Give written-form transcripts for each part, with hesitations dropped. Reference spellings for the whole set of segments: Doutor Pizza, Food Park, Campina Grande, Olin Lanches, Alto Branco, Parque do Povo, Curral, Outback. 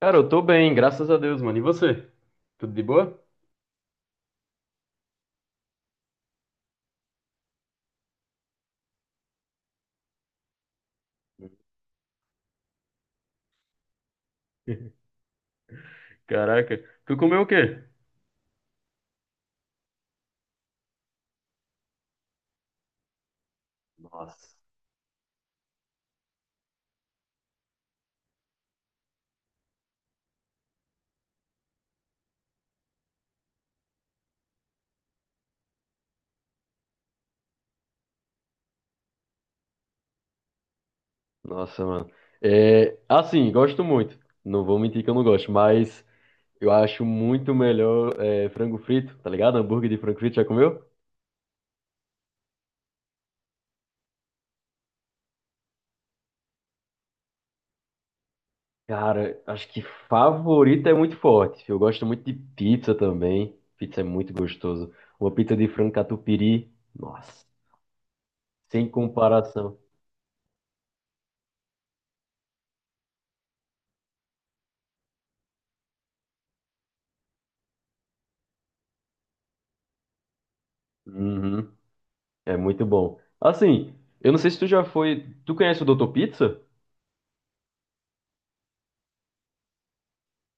Cara, eu tô bem, graças a Deus, mano. E você? Tudo de boa? Caraca, tu comeu o quê? Nossa. Nossa, mano. É, assim, gosto muito. Não vou mentir que eu não gosto, mas eu acho muito melhor frango frito, tá ligado? Hambúrguer de frango frito, já comeu? Cara, acho que favorito é muito forte. Eu gosto muito de pizza também. Pizza é muito gostoso. Uma pizza de frango catupiry, nossa, sem comparação. Uhum. É muito bom. Assim, eu não sei se tu já foi. Tu conhece o Doutor Pizza?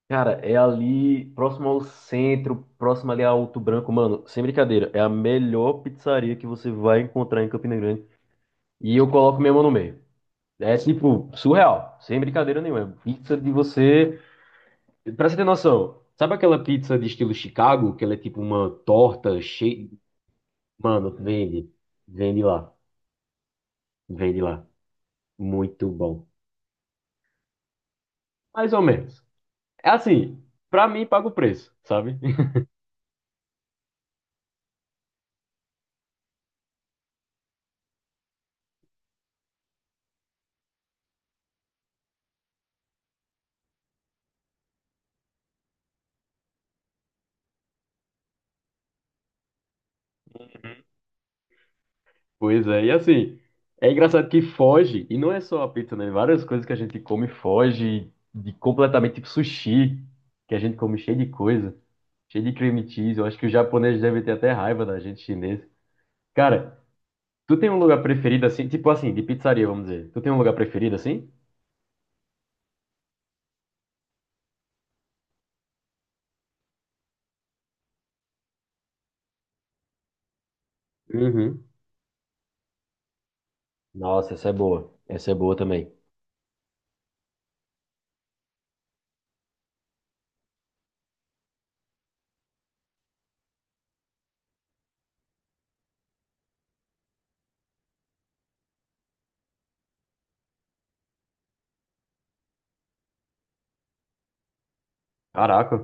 Cara, é ali próximo ao centro, próximo ali ao Alto Branco. Mano, sem brincadeira, é a melhor pizzaria que você vai encontrar em Campina Grande. E eu coloco minha mão no meio. É tipo, surreal, sem brincadeira nenhuma. É pizza de você. Pra você ter noção, sabe aquela pizza de estilo Chicago, que ela é tipo uma torta cheia. Mano, vende. Vende lá. Vende lá. Muito bom. Mais ou menos. É assim, pra mim paga o preço, sabe? Pois é, e assim, é engraçado que foge, e não é só a pizza, né? Várias coisas que a gente come foge de completamente, tipo sushi, que a gente come cheio de coisa, cheio de cream cheese. Eu acho que os japoneses devem ter até raiva da gente chinesa. Cara, tu tem um lugar preferido assim, tipo assim, de pizzaria, vamos dizer. Tu tem um lugar preferido assim? Uhum. Nossa, essa é boa. Essa é boa também. Caraca,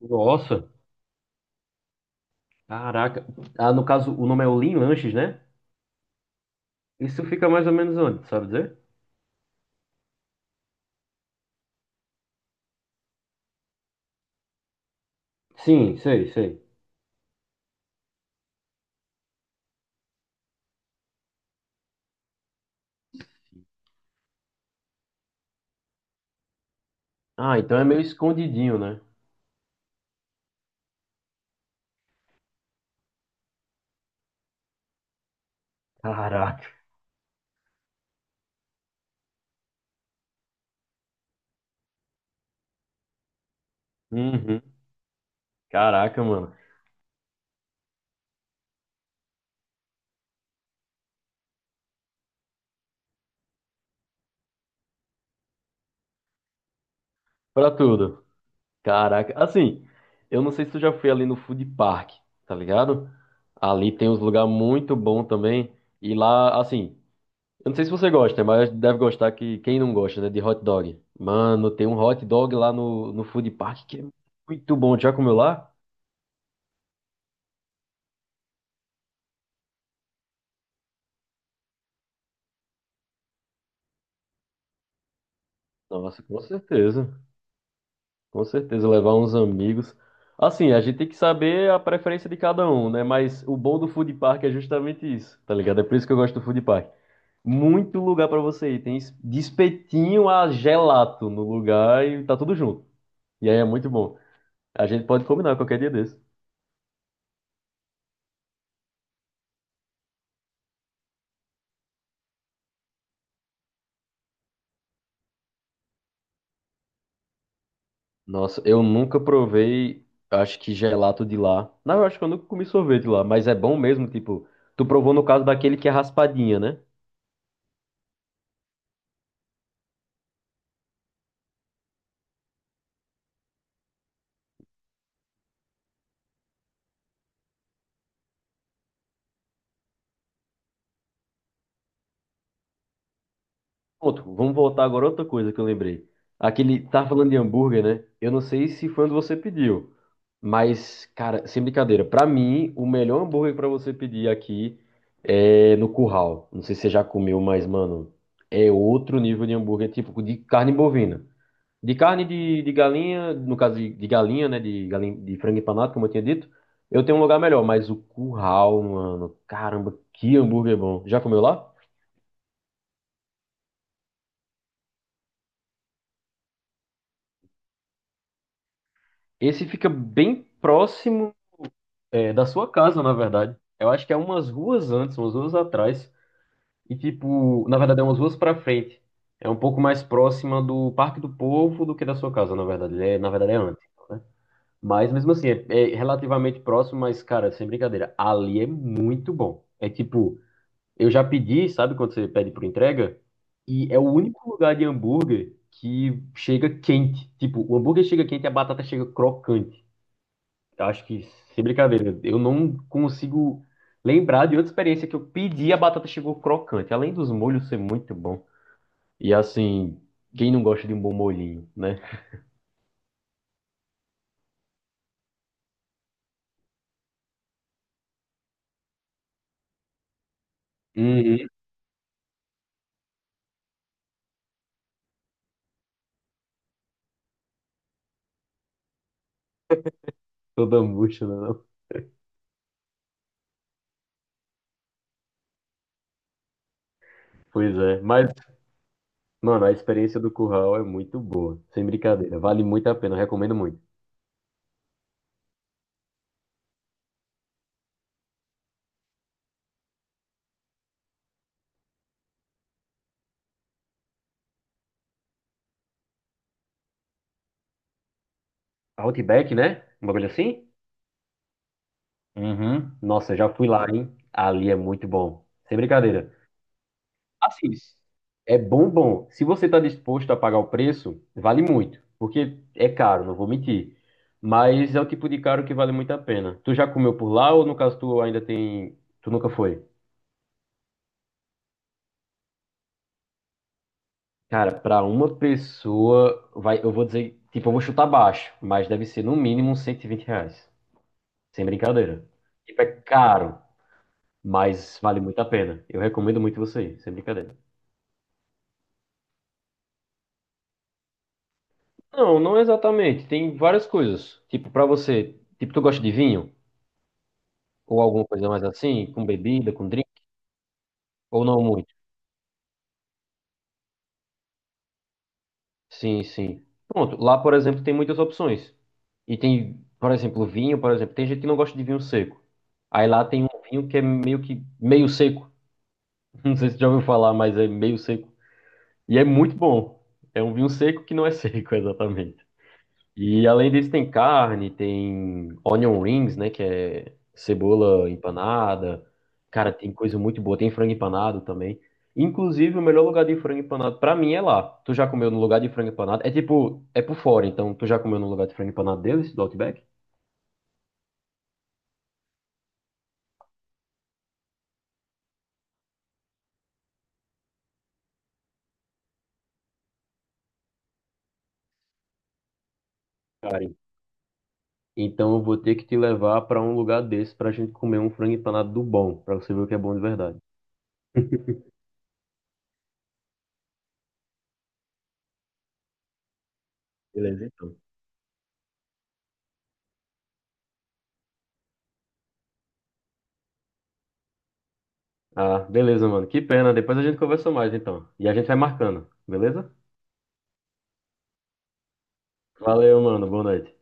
nossa, caraca. Ah, no caso, o nome é Olin Lanches, né? Isso fica mais ou menos onde, sabe dizer? Sim, sei, sei. Ah, então é meio escondidinho, né? Caraca. Uhum. Caraca, mano. Pra tudo. Caraca. Assim, eu não sei se tu já foi ali no Food Park, tá ligado? Ali tem uns lugares muito bons também. E lá, assim, eu não sei se você gosta, mas deve gostar que quem não gosta, né, de hot dog. Mano, tem um hot dog lá no, no Food Park que é muito bom. Já comeu lá? Nossa, com certeza. Com certeza, levar uns amigos. Assim, a gente tem que saber a preferência de cada um, né? Mas o bom do food park é justamente isso, tá ligado? É por isso que eu gosto do food park. Muito lugar pra você ir. Tem de espetinho a gelato no lugar e tá tudo junto. E aí é muito bom. A gente pode combinar qualquer dia desse. Nossa, eu nunca provei, acho que gelato de lá. Não, eu acho que eu nunca comi sorvete lá, mas é bom mesmo, tipo, tu provou no caso daquele que é raspadinha, né? Ponto. Vamos voltar agora a outra coisa que eu lembrei. Aquele, tá falando de hambúrguer, né? Eu não sei se foi onde você pediu, mas, cara, sem brincadeira, pra mim, o melhor hambúrguer pra você pedir aqui é no Curral. Não sei se você já comeu, mas, mano, é outro nível de hambúrguer, tipo de carne bovina. De carne de galinha, no caso de galinha, né? De, galinha, de frango empanado, como eu tinha dito, eu tenho um lugar melhor, mas o Curral, mano, caramba, que hambúrguer bom. Já comeu lá? Esse fica bem próximo. É, da sua casa, na verdade. Eu acho que é umas ruas antes, umas ruas atrás. E, tipo, na verdade, é umas ruas pra frente. É um pouco mais próxima do Parque do Povo do que da sua casa, na verdade. Ele é, na verdade, é antes, né? Mas, mesmo assim, é relativamente próximo, mas, cara, sem brincadeira, ali é muito bom. É tipo, eu já pedi, sabe, quando você pede por entrega? E é o único lugar de hambúrguer que chega quente. Tipo, o hambúrguer chega quente e a batata chega crocante. Eu acho que, sem brincadeira, eu não consigo lembrar de outra experiência que eu pedi e a batata chegou crocante, além dos molhos ser muito bom. E assim, quem não gosta de um bom molhinho, né? Uhum. Toda murcha, né? Não? Pois é. Mas, mano, a experiência do curral é muito boa, sem brincadeira. Vale muito a pena, eu recomendo muito. Outback, né? Um bagulho assim? Uhum. Nossa, já fui lá, hein? Ali é muito bom. Sem brincadeira. Assim, é bom, bom. Se você está disposto a pagar o preço, vale muito, porque é caro, não vou mentir. Mas é o tipo de caro que vale muito a pena. Tu já comeu por lá ou no caso tu ainda tem, tu nunca foi? Cara, para uma pessoa, vai, eu vou dizer, tipo, eu vou chutar baixo, mas deve ser no mínimo uns R$ 120. Sem brincadeira. Tipo, é caro, mas vale muito a pena. Eu recomendo muito você ir, sem brincadeira. Não, não exatamente. Tem várias coisas. Tipo, pra você, tipo, tu gosta de vinho? Ou alguma coisa mais assim, com bebida, com drink, ou não muito? Sim, sim. Pronto, lá, por exemplo, tem muitas opções. E tem, por exemplo, vinho, por exemplo, tem gente que não gosta de vinho seco. Aí lá tem um vinho que é meio que meio seco. Não sei se você já ouviu falar, mas é meio seco. E é muito bom. É um vinho seco que não é seco, exatamente. E além disso tem carne, tem onion rings, né, que é cebola empanada. Cara, tem coisa muito boa, tem frango empanado também. Inclusive, o melhor lugar de frango empanado pra mim é lá. Tu já comeu no lugar de frango empanado? É tipo, é por fora, então tu já comeu no lugar de frango empanado deles, do Outback? Cara, então eu vou ter que te levar pra um lugar desse pra gente comer um frango empanado do bom, pra você ver o que é bom de verdade. Beleza, então. Ah, beleza, mano. Que pena. Depois a gente conversa mais, então. E a gente vai marcando, beleza? Valeu, mano. Boa noite.